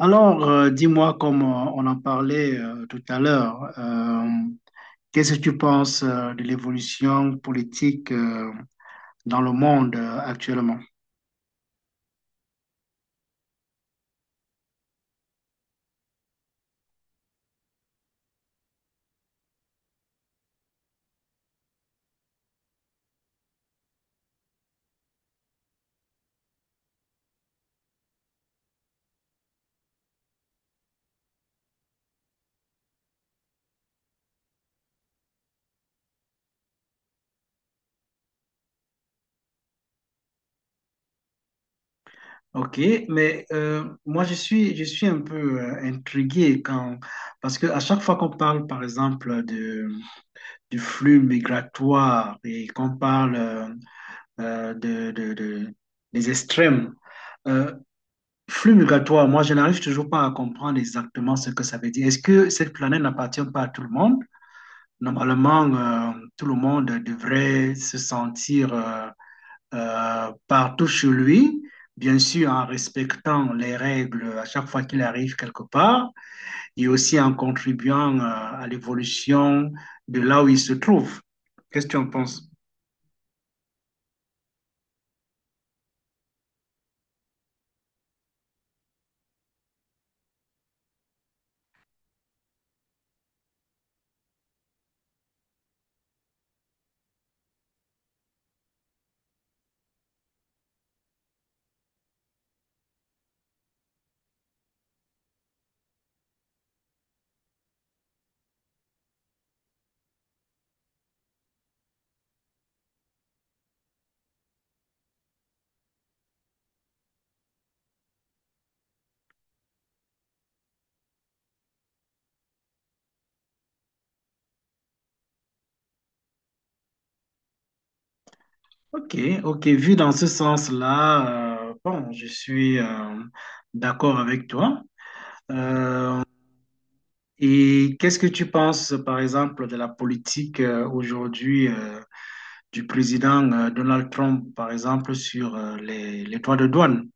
Alors, dis-moi, comme on en parlait tout à l'heure, qu'est-ce que tu penses de l'évolution politique dans le monde actuellement? Ok, mais moi je suis un peu intrigué quand parce que à chaque fois qu'on parle par exemple de du flux migratoire et qu'on parle de- des extrêmes, euh, flux migratoire, moi, je n'arrive toujours pas à comprendre exactement ce que ça veut dire. Est-ce que cette planète n'appartient pas à tout le monde? Normalement, tout le monde devrait se sentir partout chez lui, bien sûr en respectant les règles à chaque fois qu'il arrive quelque part et aussi en contribuant à l'évolution de là où il se trouve. Qu'est-ce que tu en penses? Ok, ok, vu dans ce sens-là, bon, je suis d'accord avec toi. Euh, Et qu'est-ce que tu penses, par exemple, de la politique aujourd'hui du président Donald Trump, par exemple, sur les droits de douane?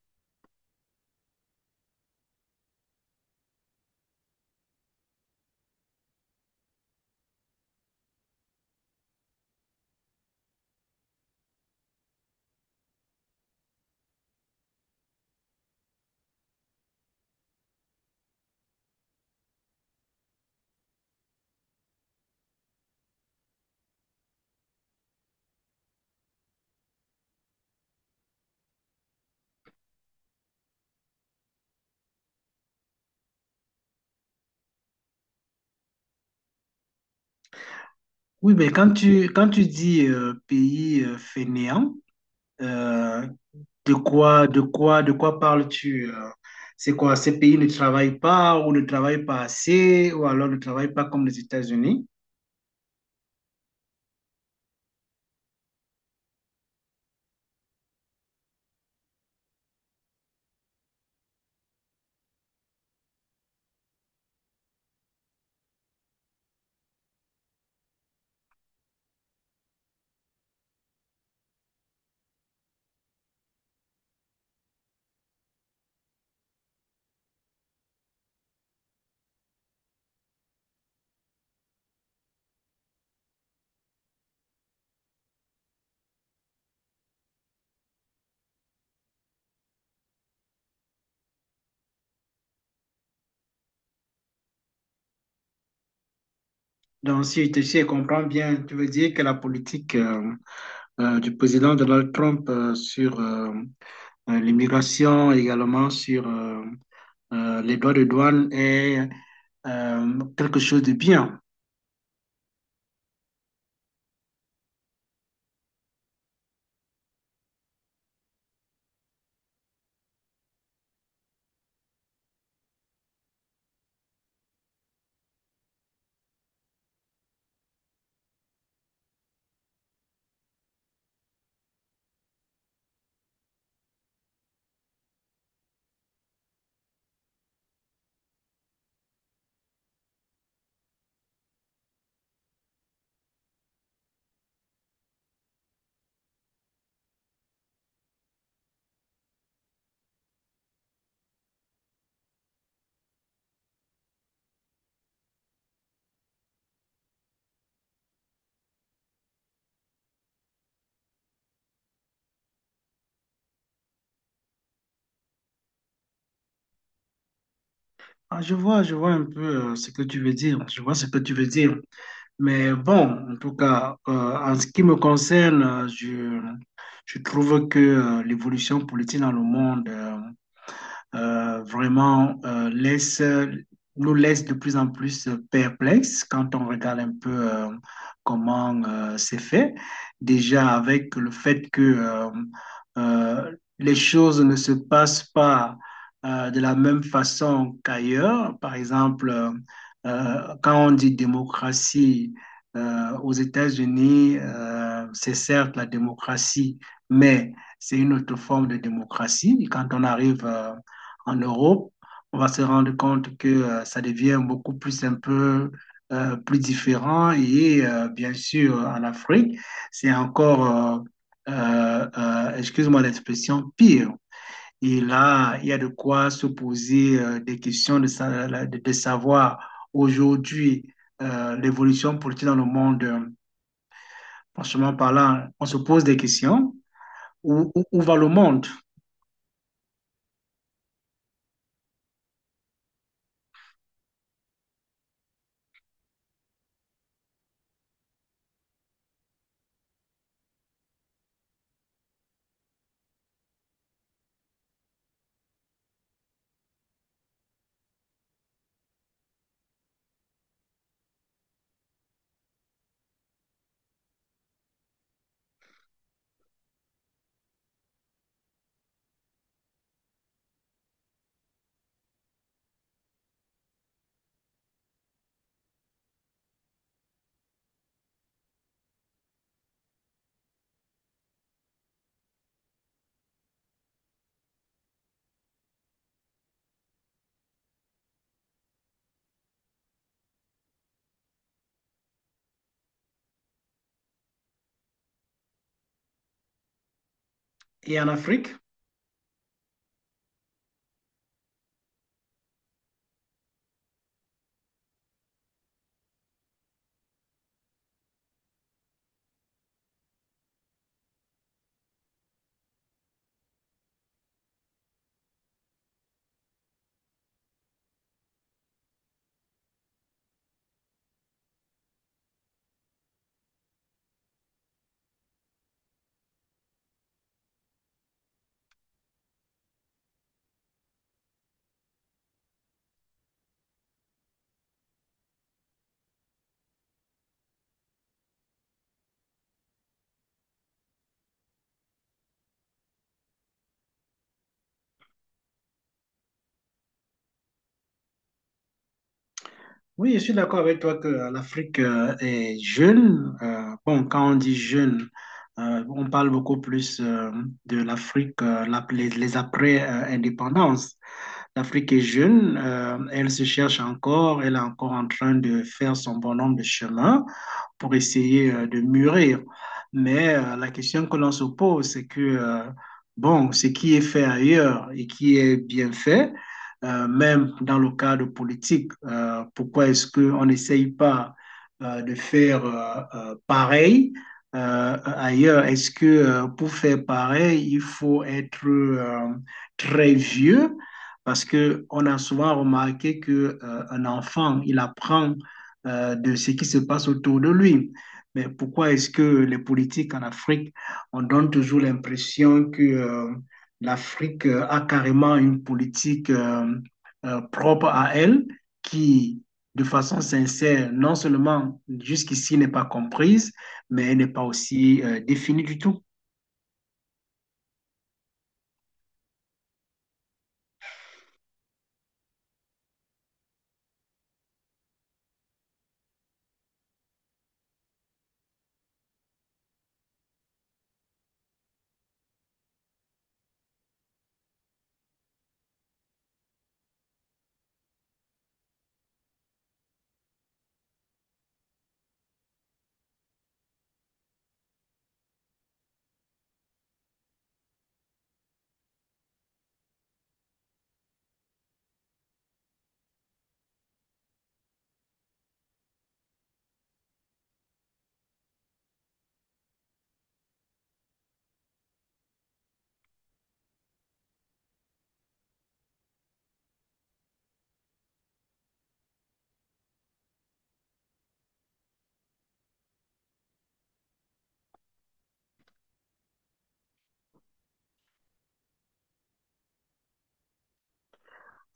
Oui, mais quand tu dis pays fainéant, euh, de quoi parles-tu? C'est quoi? Ces pays ne travaillent pas ou ne travaillent pas assez ou alors ne travaillent pas comme les États-Unis? Donc, si je comprends bien, tu veux dire que la politique du président Donald Trump sur l'immigration, également sur les droits de douane est quelque chose de bien. Ah, je vois un peu ce que tu veux dire. Je vois ce que tu veux dire. Mais bon, en tout cas, en ce qui me concerne, je trouve que l'évolution politique dans le monde vraiment laisse, nous laisse de plus en plus perplexes quand on regarde un peu comment c'est fait. Déjà avec le fait que euh, les choses ne se passent pas de la même façon qu'ailleurs. Par exemple, quand on dit démocratie aux États-Unis, c'est certes la démocratie, mais c'est une autre forme de démocratie. Quand on arrive en Europe, on va se rendre compte que ça devient beaucoup plus un peu plus différent. Et bien sûr, en Afrique, c'est encore, excuse-moi l'expression, pire. Et là, il y a de quoi se poser des questions de savoir aujourd'hui l'évolution politique dans le monde. Franchement parlant, on se pose des questions. Où va le monde? Et en Afrique? Oui, je suis d'accord avec toi que l'Afrique est jeune. Bon, quand on dit jeune, on parle beaucoup plus de l'Afrique, les après-indépendances. L'Afrique est jeune, elle se cherche encore, elle est encore en train de faire son bon nombre de chemins pour essayer de mûrir. Mais la question que l'on se pose, c'est que, bon, ce qui est fait ailleurs et qui est bien fait, même dans le cadre politique, pourquoi est-ce qu'on n'essaye pas de faire pareil ailleurs? Est-ce que pour faire pareil, il faut être très vieux? Parce que on a souvent remarqué que, un enfant, il apprend de ce qui se passe autour de lui. Mais pourquoi est-ce que les politiques en Afrique, on donne toujours l'impression que l'Afrique a carrément une politique propre à elle qui, de façon sincère, non seulement jusqu'ici n'est pas comprise, mais elle n'est pas aussi définie du tout.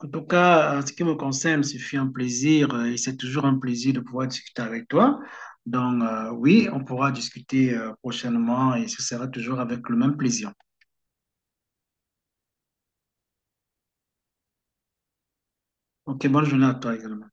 En tout cas, en ce qui me concerne, ce fut un plaisir et c'est toujours un plaisir de pouvoir discuter avec toi. Donc, oui, on pourra discuter prochainement et ce sera toujours avec le même plaisir. Ok, bonne journée à toi également.